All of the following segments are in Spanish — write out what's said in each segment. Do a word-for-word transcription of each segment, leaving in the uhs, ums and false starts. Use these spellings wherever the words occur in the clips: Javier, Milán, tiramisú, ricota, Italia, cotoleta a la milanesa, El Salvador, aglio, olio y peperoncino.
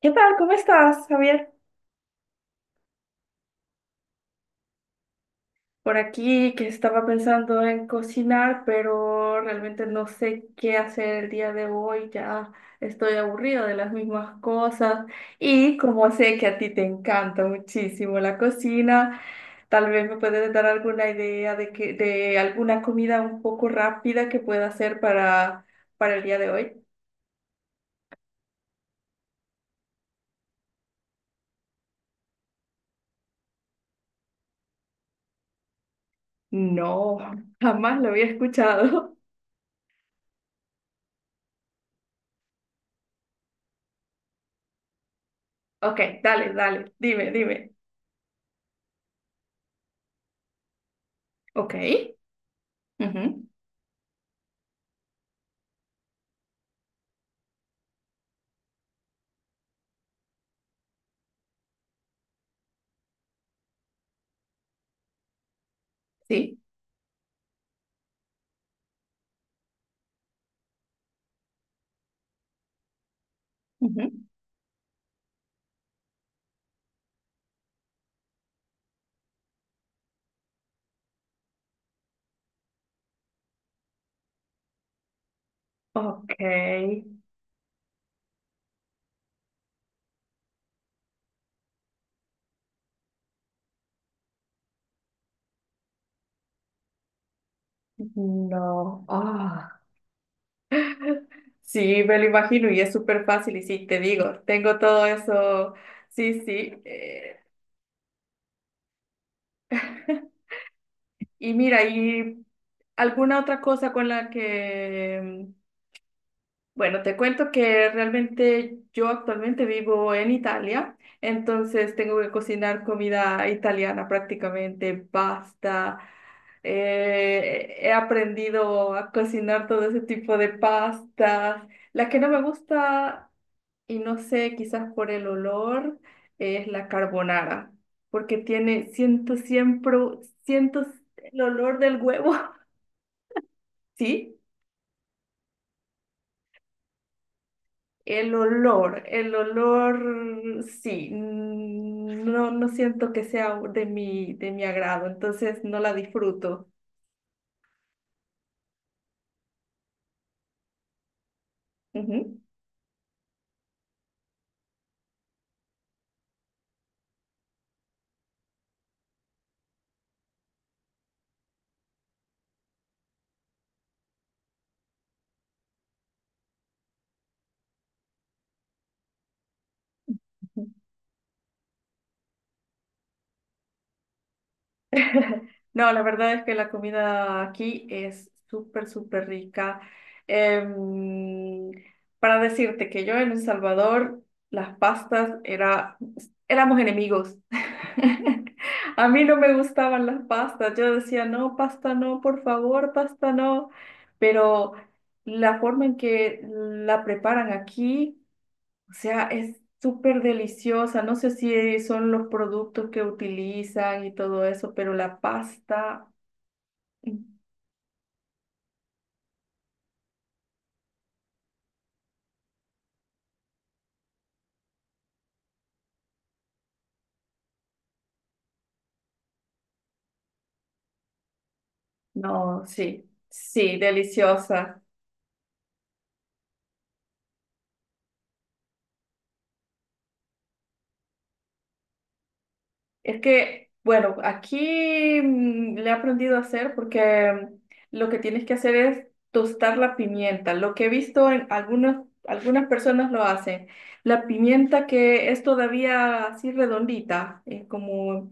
¿Qué tal? ¿Cómo estás, Javier? Por aquí que estaba pensando en cocinar, pero realmente no sé qué hacer el día de hoy. Ya estoy aburrido de las mismas cosas. Y como sé que a ti te encanta muchísimo la cocina, tal vez me puedes dar alguna idea de que, de alguna comida un poco rápida que pueda hacer para, para el día de hoy. No, jamás lo había escuchado. Ok, dale, dale, dime, dime. Ok, ujú, sí. Ujú. Ok, no. Ah, sí, me lo imagino y es súper fácil y sí, te digo, tengo todo eso. Sí, sí. eh, Y mira, ¿y alguna otra cosa con la que... Bueno, te cuento que realmente yo actualmente vivo en Italia, entonces tengo que cocinar comida italiana prácticamente, pasta. Eh, he aprendido a cocinar todo ese tipo de pastas. La que no me gusta, y no sé, quizás por el olor, es la carbonara, porque tiene, siento siempre, siento el olor del huevo, ¿sí? El olor, el olor, sí, mm, no, no siento que sea de mi, de mi agrado, entonces no la disfruto. Ujú. No, la verdad es que la comida aquí es súper, súper rica. Em, para decirte que yo en El Salvador, las pastas era, éramos enemigos. A mí no me gustaban las pastas. Yo decía, no, pasta no, por favor, pasta no. Pero la forma en que la preparan aquí, o sea, es súper deliciosa. No sé si son los productos que utilizan y todo eso, pero la pasta, mm, no, sí, sí, deliciosa. Es que, bueno, aquí mm, le he aprendido a hacer porque mm, lo que tienes que hacer es tostar la pimienta. Lo que he visto en algunas, algunas personas lo hacen. La pimienta que es todavía así redondita, eh, como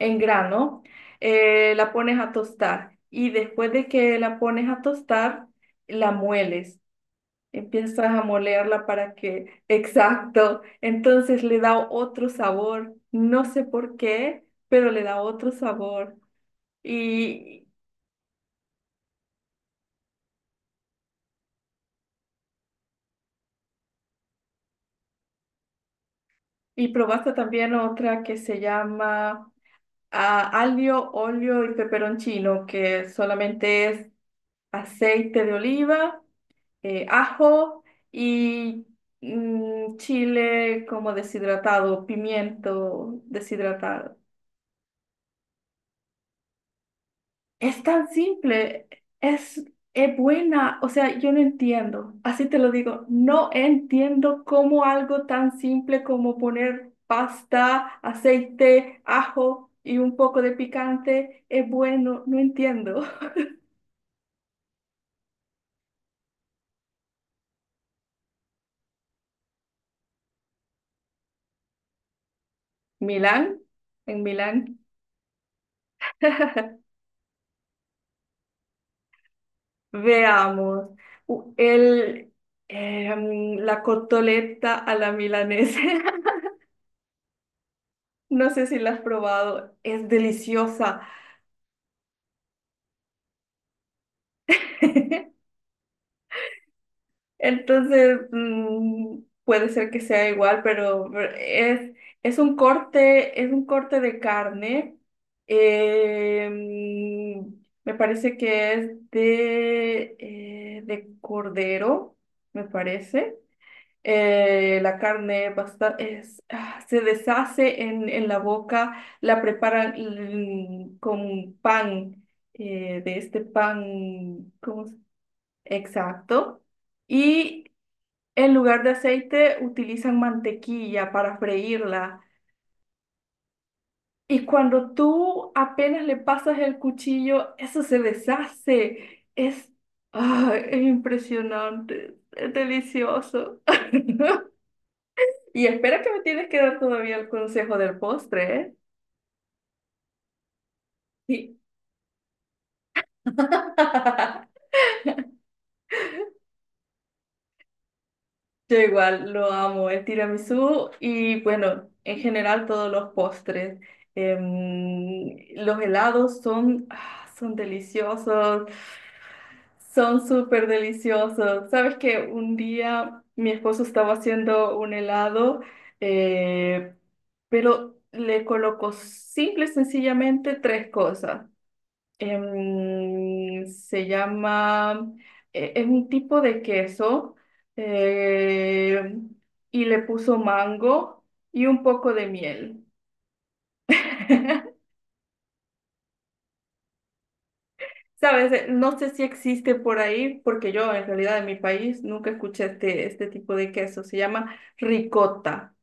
en grano, eh, la pones a tostar y después de que la pones a tostar, la mueles. Empiezas a molerla para que, exacto, entonces le da otro sabor, no sé por qué, pero le da otro sabor. Y, y probaste también otra que se llama ah, aglio, olio y peperoncino, que solamente es aceite de oliva, eh, ajo y mm, chile como deshidratado, pimiento deshidratado. Es tan simple, es, es buena, o sea, yo no entiendo, así te lo digo, no entiendo cómo algo tan simple como poner pasta, aceite, ajo y un poco de picante es bueno, no entiendo. Milán, en Milán, veamos, u- el, em, la cotoleta a la milanesa, no sé si la has probado, es deliciosa. Entonces, mm, puede ser que sea igual, pero es, es un corte, es un corte de carne. eh, mm, Me parece que es de, eh, de cordero, me parece. Eh, la carne basta- es, ah, se deshace en, en la boca, la preparan mm, con pan, eh, de este pan, ¿cómo se- Exacto. Y en lugar de aceite utilizan mantequilla para freírla. Y cuando tú apenas le pasas el cuchillo, eso se deshace. Es, ah, es impresionante, es delicioso. Y espera que me tienes que dar todavía el consejo del postre, ¿eh? Sí. Yo igual lo amo, el tiramisú y bueno, en general todos los postres. Em, los helados son, ah, son deliciosos. Son súper deliciosos. Sabes que un día mi esposo estaba haciendo un helado, eh, pero le colocó simple y sencillamente tres cosas. Em, se llama, e- es un tipo de queso, eh, y le puso mango y un poco de miel. Sabes, eh, no sé si existe por ahí, porque yo en realidad en mi país nunca escuché este, este tipo de queso. Se llama ricota.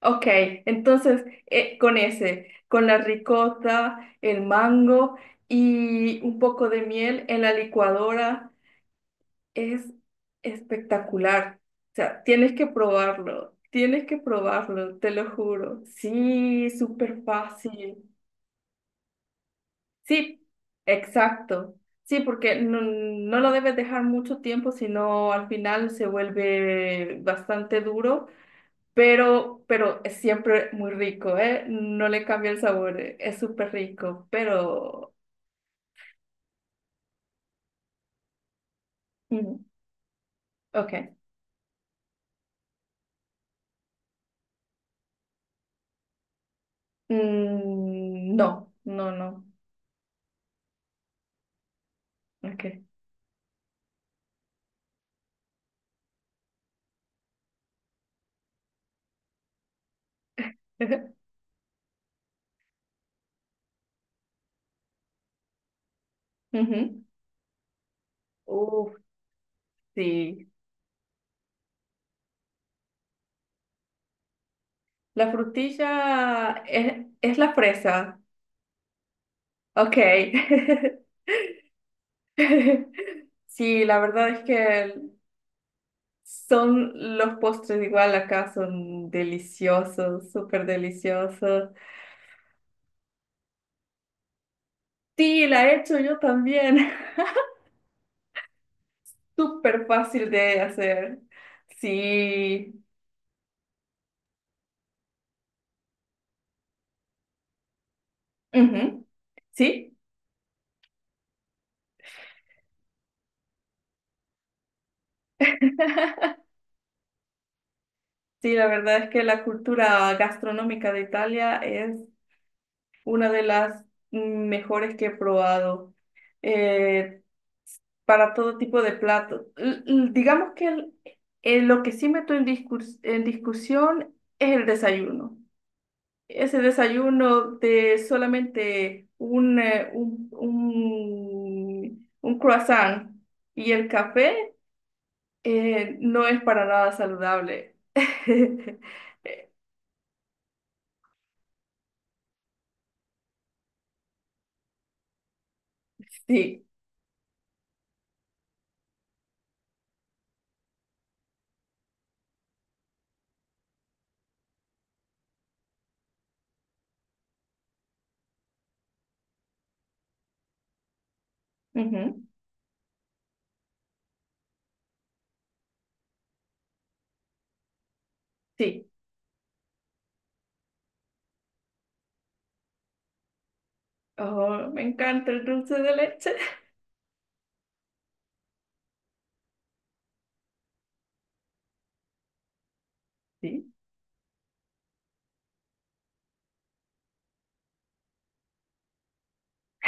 Ok, entonces eh, con ese, con la ricota, el mango y un poco de miel en la licuadora es espectacular. O sea, tienes que probarlo, tienes que probarlo, te lo juro. Sí, súper fácil. Sí, exacto. Sí, porque no, no lo debes dejar mucho tiempo, sino al final se vuelve bastante duro, pero, pero es siempre muy rico, ¿eh? No le cambia el sabor, eh, es súper rico, pero... mm, ok. Mm, no, no, no. Ok. Ujú. Uf, sí. La frutilla es, es la fresa. Ok. Sí, la verdad es que son los postres igual acá, son deliciosos, súper deliciosos. Sí, la he hecho yo también, súper fácil de hacer. Sí, ujú. Sí, sí, la verdad es que la cultura gastronómica de Italia es una de las mejores que he probado. Eh, para todo tipo de platos. L- l- digamos que el- eh, lo que sí meto en, discurs- en discusión es el desayuno. Ese desayuno de solamente un, eh, un, un, un croissant y el café, eh, no es para nada saludable. Sí, ujú, sí. Oh, me encanta el dulce de leche. Sí.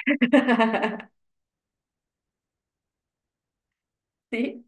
Sí.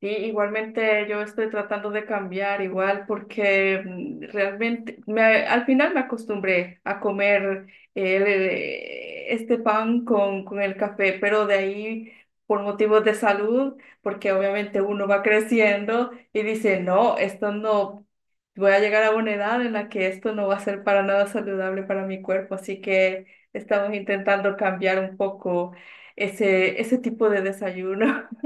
Sí, igualmente yo estoy tratando de cambiar igual porque mm, realmente me, al final me acostumbré a comer el, eh, este pan con, con el café, pero de ahí por motivos de salud, porque obviamente uno va creciendo y dice, no, esto no, voy a llegar a una edad en la que esto no va a ser para nada saludable para mi cuerpo, así que estamos intentando cambiar un poco ese, ese tipo de desayuno.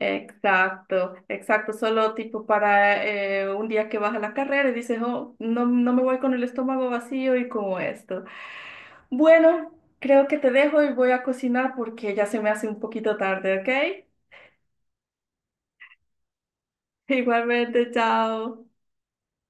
Exacto, exacto, solo tipo para eh, un día que vas a la carrera y dices, oh, no, no me voy con el estómago vacío y como esto. Bueno, creo que te dejo y voy a cocinar porque ya se me hace un poquito tarde, ¿ok? Igualmente, chao.